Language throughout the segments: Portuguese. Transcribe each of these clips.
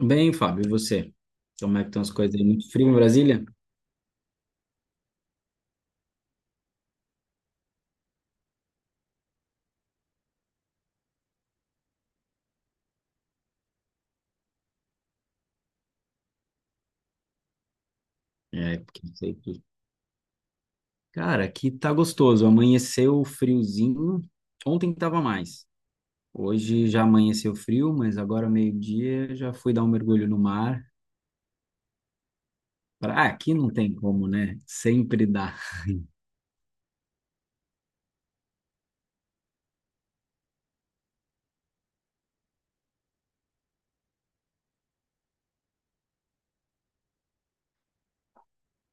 Bem, Fábio, e você? Como é que estão as coisas aí? Muito frio em Brasília? É, porque não sei aqui. Cara, aqui tá gostoso. Amanheceu friozinho. Ontem tava mais. Hoje já amanheceu frio, mas agora meio-dia já fui dar um mergulho no mar. Ah, aqui não tem como, né? Sempre dá.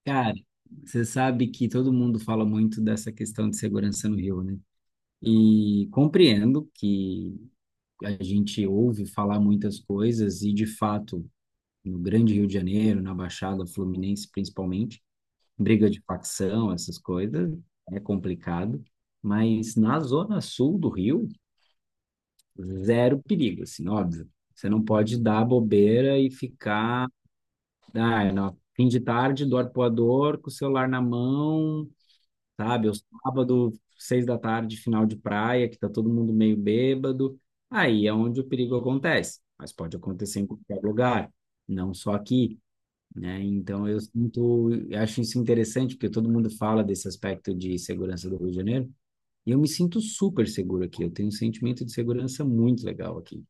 Cara, você sabe que todo mundo fala muito dessa questão de segurança no Rio, né? E compreendo que a gente ouve falar muitas coisas e, de fato, no Grande Rio de Janeiro, na Baixada Fluminense principalmente, briga de facção, essas coisas, é complicado, mas na zona sul do Rio, zero perigo, assim, óbvio. Você não pode dar bobeira e ficar, ah, no fim de tarde do arpoador com o celular na mão, sabe? Ou sábado, 6 da tarde, final de praia, que tá todo mundo meio bêbado. Aí é onde o perigo acontece, mas pode acontecer em qualquer lugar, não só aqui, né? Então eu sinto, eu acho isso interessante porque todo mundo fala desse aspecto de segurança do Rio de Janeiro e eu me sinto super seguro aqui. Eu tenho um sentimento de segurança muito legal aqui,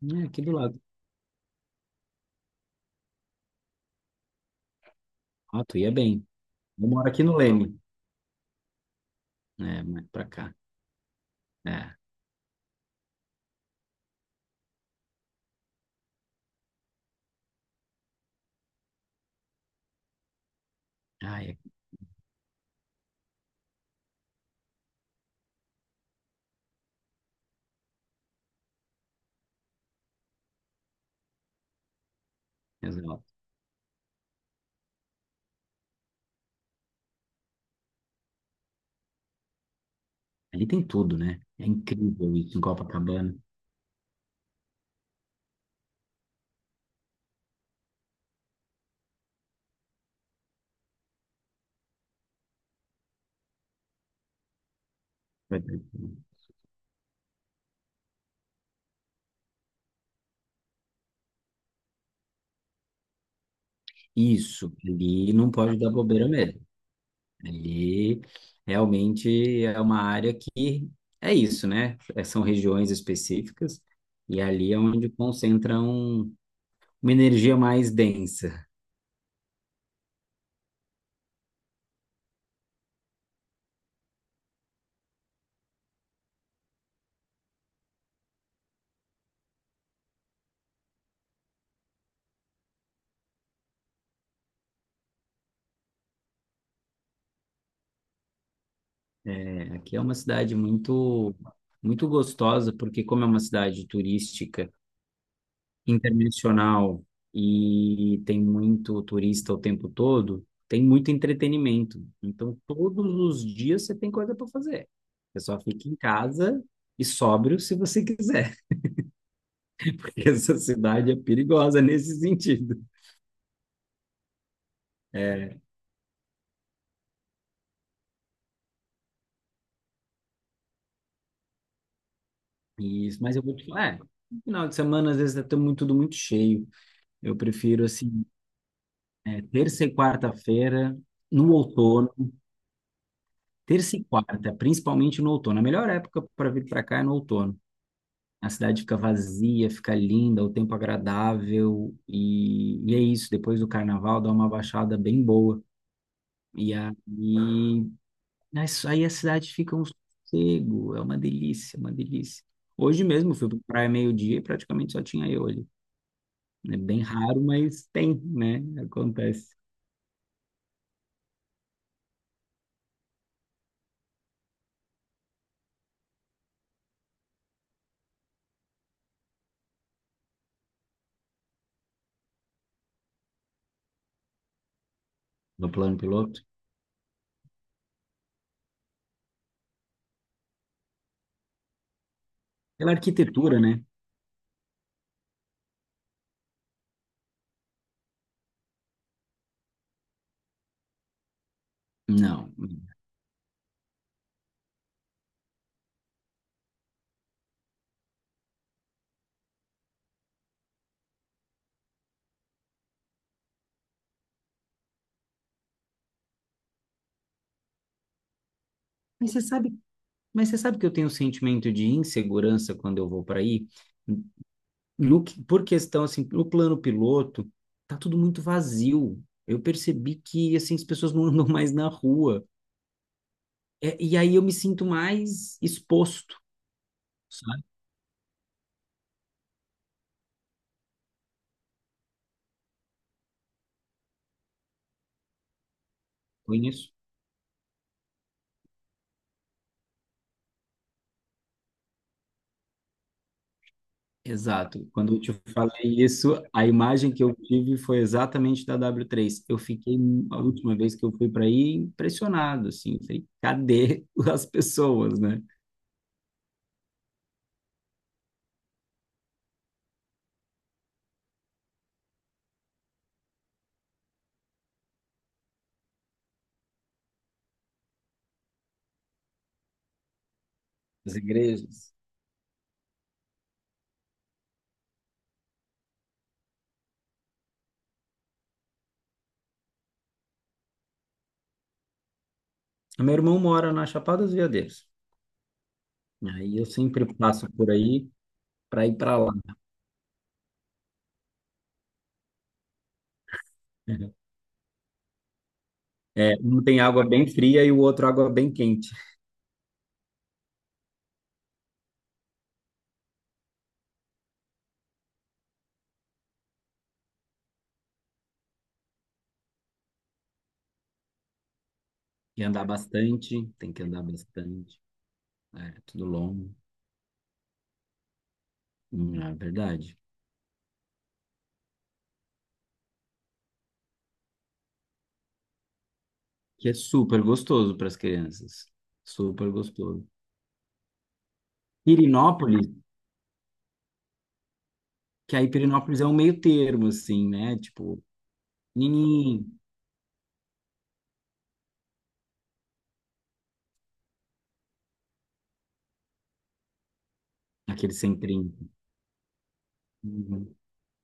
né? Aqui do lado. Ah, tu ia bem. Eu moro aqui no Leme, né? Mas pra cá, é. Ah, é. Exato. Ali tem tudo, né? É incrível isso em Copacabana. Vai ter- tudo. Isso, ali não pode dar bobeira mesmo. Ali realmente é uma área que é isso, né? É, são regiões específicas e ali é onde concentram uma energia mais densa. É, aqui é uma cidade muito, muito gostosa, porque como é uma cidade turística, internacional e tem muito turista o tempo todo, tem muito entretenimento. Então, todos os dias você tem coisa para fazer. Você só fica em casa e sóbrio se você quiser. que Essa cidade é perigosa nesse sentido. É, e isso, mas eu vou te falar, é, no final de semana às vezes é tudo muito cheio. Eu prefiro assim, é, terça e quarta-feira no outono, terça e quarta, principalmente no outono. A melhor época para vir para cá é no outono. A cidade fica vazia, fica linda, o tempo agradável e é isso. Depois do carnaval dá uma baixada bem boa. E aí Mas aí a cidade fica um sossego, é uma delícia, uma delícia. Hoje mesmo eu fui para praia meio-dia e praticamente só tinha eu ali. É bem raro, mas tem, né? Acontece no plano piloto. Pela arquitetura, né? Não. Mas você sabe, mas você sabe que eu tenho um sentimento de insegurança quando eu vou para aí? No, que- Por questão, assim, no plano piloto, tá tudo muito vazio. Eu percebi que, assim, as pessoas não andam mais na rua. É, e aí eu me sinto mais exposto. Conheço. Exato. Quando eu te falei isso, a imagem que eu tive foi exatamente da W3. Eu fiquei, a última vez que eu fui para aí, impressionado, assim. Falei, cadê as pessoas, né? As igrejas. Meu irmão mora na Chapada dos Veadeiros. Aí eu sempre passo por aí para ir para lá. É, um tem água bem fria e o outro água bem quente. E andar bastante, tem que andar bastante. É, tudo longo. É verdade. Que é super gostoso para as crianças. Super gostoso. Pirinópolis, que aí Pirinópolis é um meio termo, assim, né? Tipo, pequenininho, aquele centrinho. Uhum.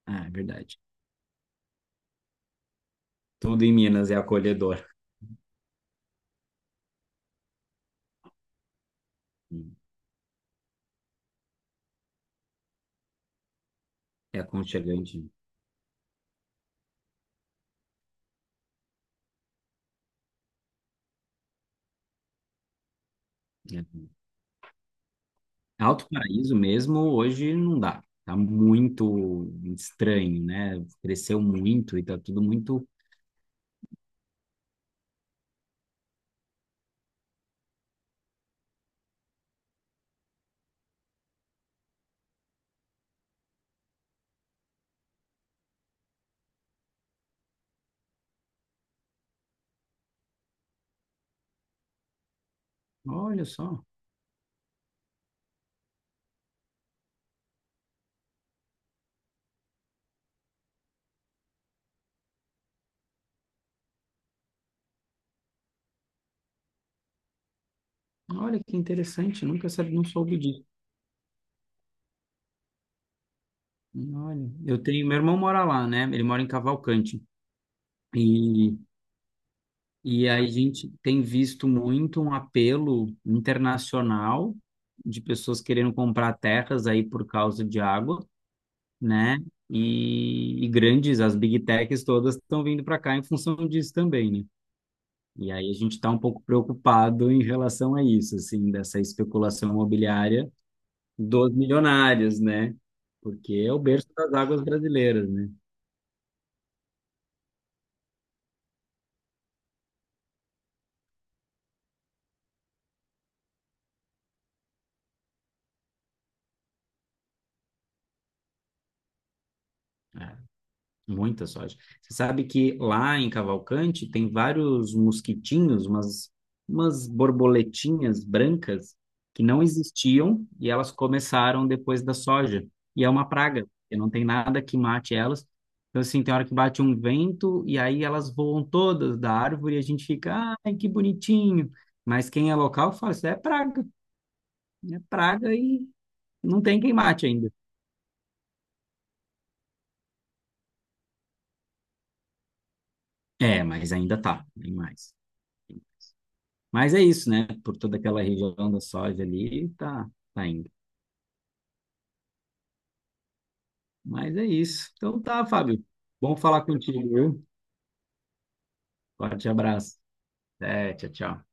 Ah, é verdade. Tudo em Minas é acolhedor, é aconchegante, né? Alto Paraíso mesmo, hoje não dá. Tá muito estranho, né? Cresceu muito e tá tudo muito. Olha só, olha que interessante, nunca sabia, não soube disso. Olha, eu tenho, meu irmão mora lá, né? Ele mora em Cavalcante. E, e a gente tem visto muito um apelo internacional de pessoas querendo comprar terras aí por causa de água, né? E grandes, as big techs todas estão vindo para cá em função disso também, né? E aí a gente está um pouco preocupado em relação a isso, assim, dessa especulação imobiliária dos milionários, né? Porque é o berço das águas brasileiras, né? É. Muita soja. Você sabe que lá em Cavalcante tem vários mosquitinhos, umas, umas borboletinhas brancas que não existiam e elas começaram depois da soja. E é uma praga, porque não tem nada que mate elas. Então, assim, tem hora que bate um vento e aí elas voam todas da árvore e a gente fica, ai, que bonitinho. Mas quem é local fala, isso é praga e não tem quem mate ainda. É, mas ainda tá, tem mais. Mas é isso, né? Por toda aquela região da soja ali, tá, tá indo. Mas é isso. Então tá, Fábio. Bom falar contigo, viu? Forte abraço. É, tchau, tchau.